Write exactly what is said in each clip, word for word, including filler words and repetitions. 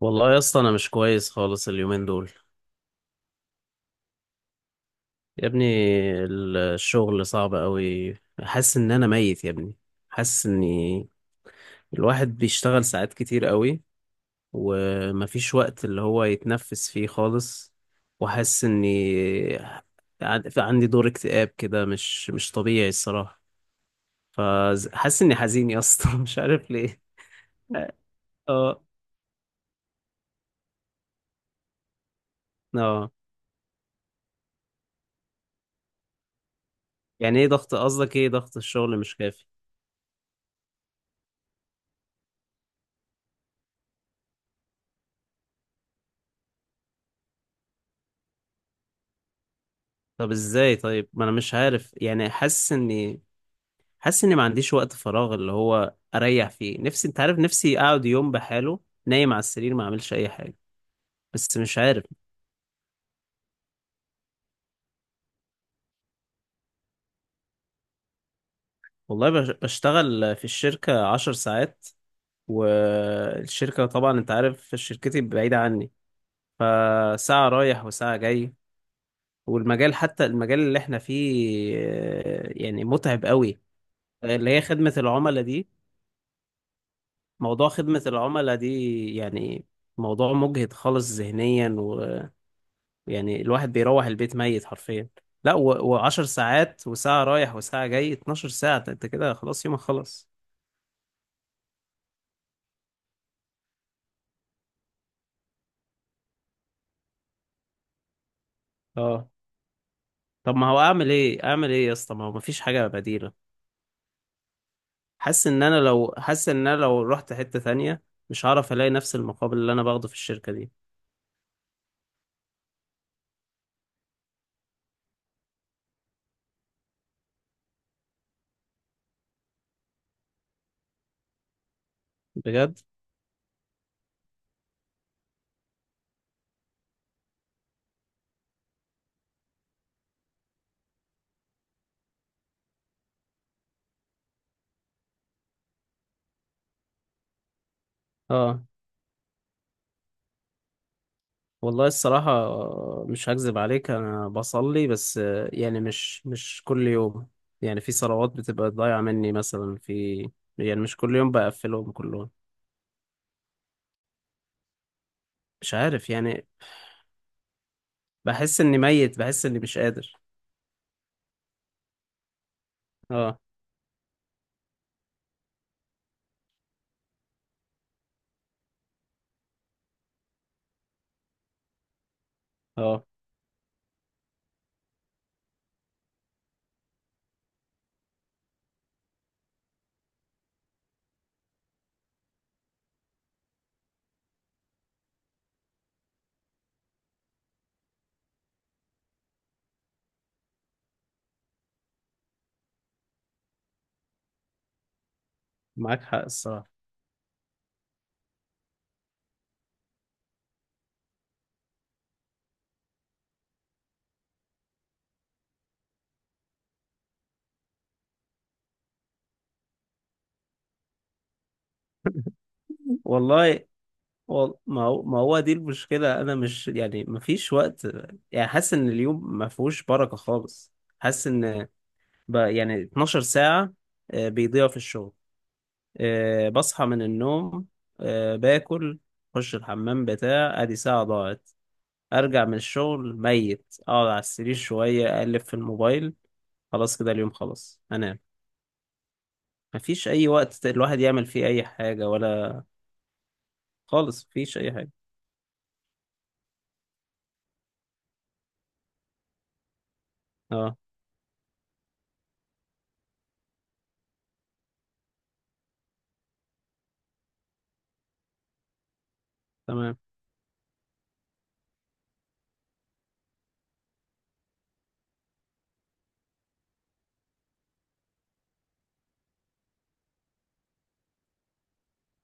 والله يا اسطى انا مش كويس خالص اليومين دول. يا ابني ال- الشغل صعب قوي. حاسس ان انا ميت يا ابني. حاسس اني الواحد بيشتغل ساعات كتير قوي، ومفيش وقت اللي هو يتنفس فيه خالص. وحاسس اني عن- عندي دور اكتئاب كده مش مش طبيعي الصراحة. فحاسس اني حزين يا اسطى مش عارف ليه. اه. اه. يعني ايه ضغط؟ قصدك ايه ضغط الشغل مش كافي؟ طب ازاي؟ طيب ما انا مش عارف، يعني حاسس اني، حاسس اني ما عنديش وقت فراغ اللي هو اريح فيه نفسي. انت عارف، نفسي اقعد يوم بحاله نايم على السرير ما اعملش اي حاجه. بس مش عارف. والله بش- بشتغل في الشركه عشر ساعات، والشركه طبعا انت عارف شركتي بعيده عني، فساعه رايح وساعه جاي. والمجال، حتى المجال اللي احنا فيه، آه، يعني متعب قوي. اللي هي خدمه العملاء دي. موضوع خدمه العملاء دي، يعني، موضوع مجهد خالص ذهنيا. يعني الواحد بيروح البيت ميت حرفيا. لا و... وعشر ساعات وساعة رايح وساعة جاي، اتناشر ساعة. ده انت كده خلاص يومك خلص. اه. طب ما هو اعمل ايه؟ اعمل ايه يا اسطى؟ ما هو مفيش حاجة بديلة. حاسس ان انا لو حاسس ان انا لو رحت حتة ثانية مش هعرف الاقي نفس المقابل اللي انا باخده في الشركة دي. بجد. اه. والله الصراحة آه، مش هكذب عليك، انا بصلي، بس آه، يعني مش مش كل يوم. يعني في صلوات بتبقى ضايعة مني مثلا، في، يعني مش كل يوم بقفلهم كلهم. مش عارف يعني. بحس اني ميت، بحس اني مش قادر. اه. اه. معاك حق الصراحة. والله وال... ما هو ما هو دي المشكلة. أنا مش، يعني مفيش وقت. يعني حاسس إن اليوم ما فيهوش بركة خالص. حاسس إن ب... يعني اتناشر ساعة آه، بيضيعوا في الشغل. آه، بصحى من النوم، آه، باكل، أخش الحمام بتاع، أدي ساعة ضاعت. أرجع من الشغل ميت، أقعد على السرير شوية، أقلب في الموبايل، خلاص كده اليوم خلاص، أنام. مفيش أي وقت الواحد يعمل فيه أي حاجة، ولا خالص مفيش أي حاجة. اه. تمام.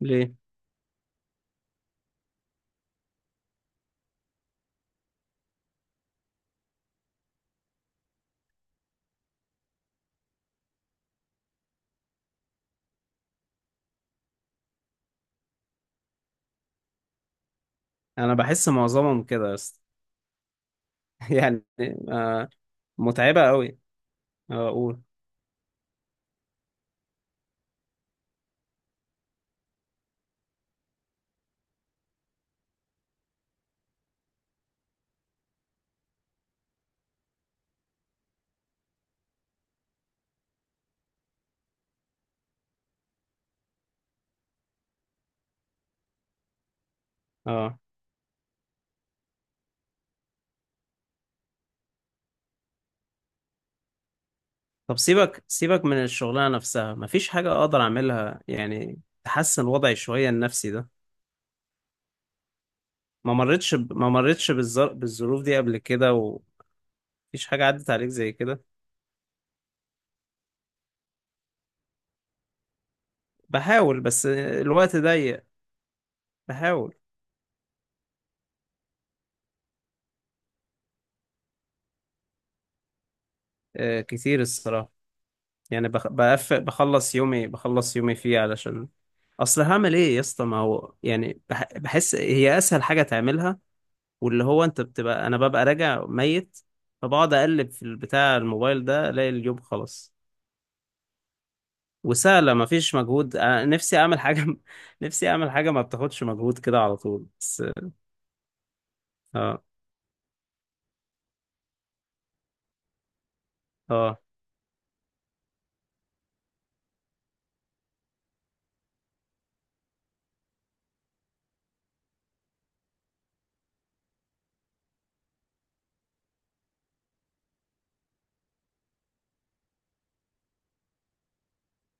ليه؟ أنا بحس معظمهم كده، بس يعني. آه، متعبة أوي. اه قول. اه. طب سيبك سيبك من الشغلانة نفسها، مفيش حاجة أقدر أعملها يعني تحسن وضعي شوية النفسي ده؟ ما مرتش ب... ما مرتش بالظر... بالظروف دي قبل كده، ومفيش حاجة عدت عليك زي كده؟ بحاول بس الوقت ضيق. بحاول. آه كتير الصراحة. يعني بخ... بقف... بخلص يومي، بخلص يومي فيه علشان، اصل هعمل ايه يا اسطى؟ ما هو يعني بح... بحس هي اسهل حاجه تعملها، واللي هو انت بتبقى، انا ببقى راجع ميت، فبقعد اقلب في البتاع، الموبايل ده، الاقي اليوم خلص. وسهله، ما فيش مجهود. انا نفسي اعمل حاجه نفسي اعمل حاجه ما بتاخدش مجهود كده على طول بس. اه. اه.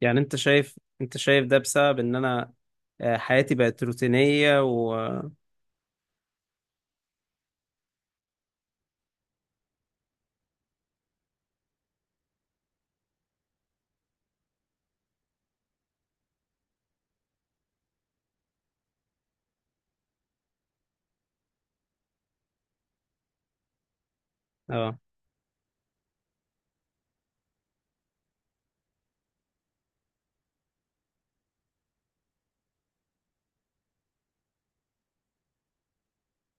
يعني انت شايف، انت شايف ده بسبب ان انا آه، حياتي بقت روتينيه و... اه.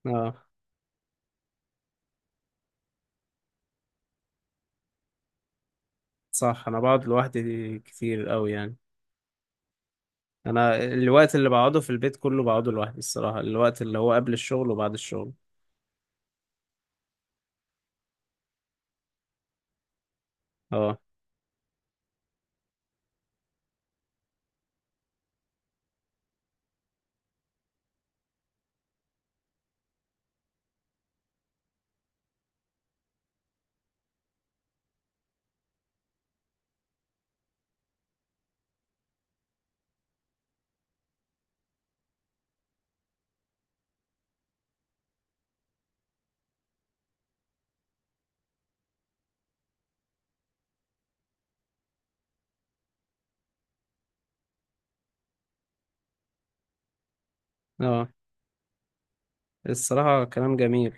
اه. صح، انا بقعد لوحدي كتير قوي يعني. انا الوقت اللي بقعده في البيت كله بقعده لوحدي الصراحة، الوقت اللي هو قبل الشغل وبعد الشغل. اه. اه. الصراحة كلام جميل.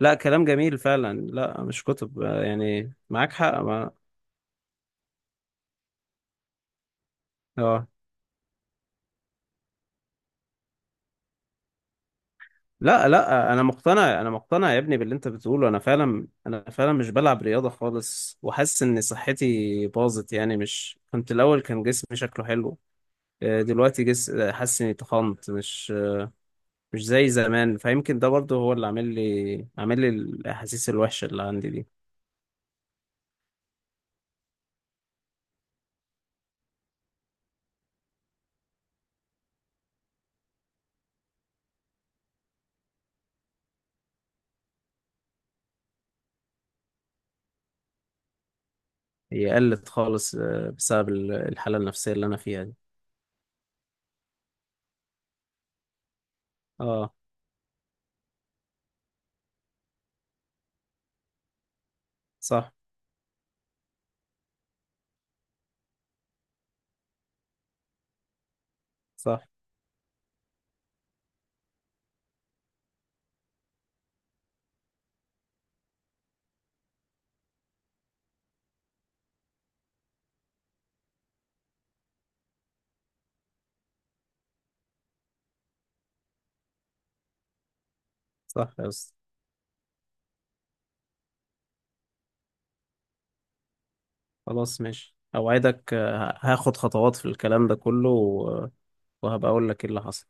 لا كلام جميل فعلا، لا مش كتب، آه، يعني معاك حق ما... اه. لا لا، انا مقتنع، انا مقتنع يا ابني باللي انت بتقوله. انا فعلا، انا فعلا مش بلعب رياضة خالص، وحاسس ان صحتي باظت يعني. مش، كنت الاول كان جسمي شكله حلو. آه، دلوقتي جس حاسس اني تخنت، مش مش زي زمان. فيمكن ده برضه هو اللي عامل لي عامل لي الاحاسيس الوحشه اللي عندي دي. هي قلت خالص آه، بسبب ال- الحاله النفسيه اللي انا فيها دي. اه. صح. صح صح يا اسطى. خلاص ماشي، اوعدك آه، هاخد خطوات في الكلام ده كله، و... وهبقى اقول لك ايه اللي حصل.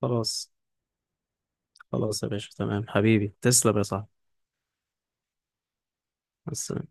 خلاص. خلاص يا باشا، تمام حبيبي، تسلم يا صاحبي. بس.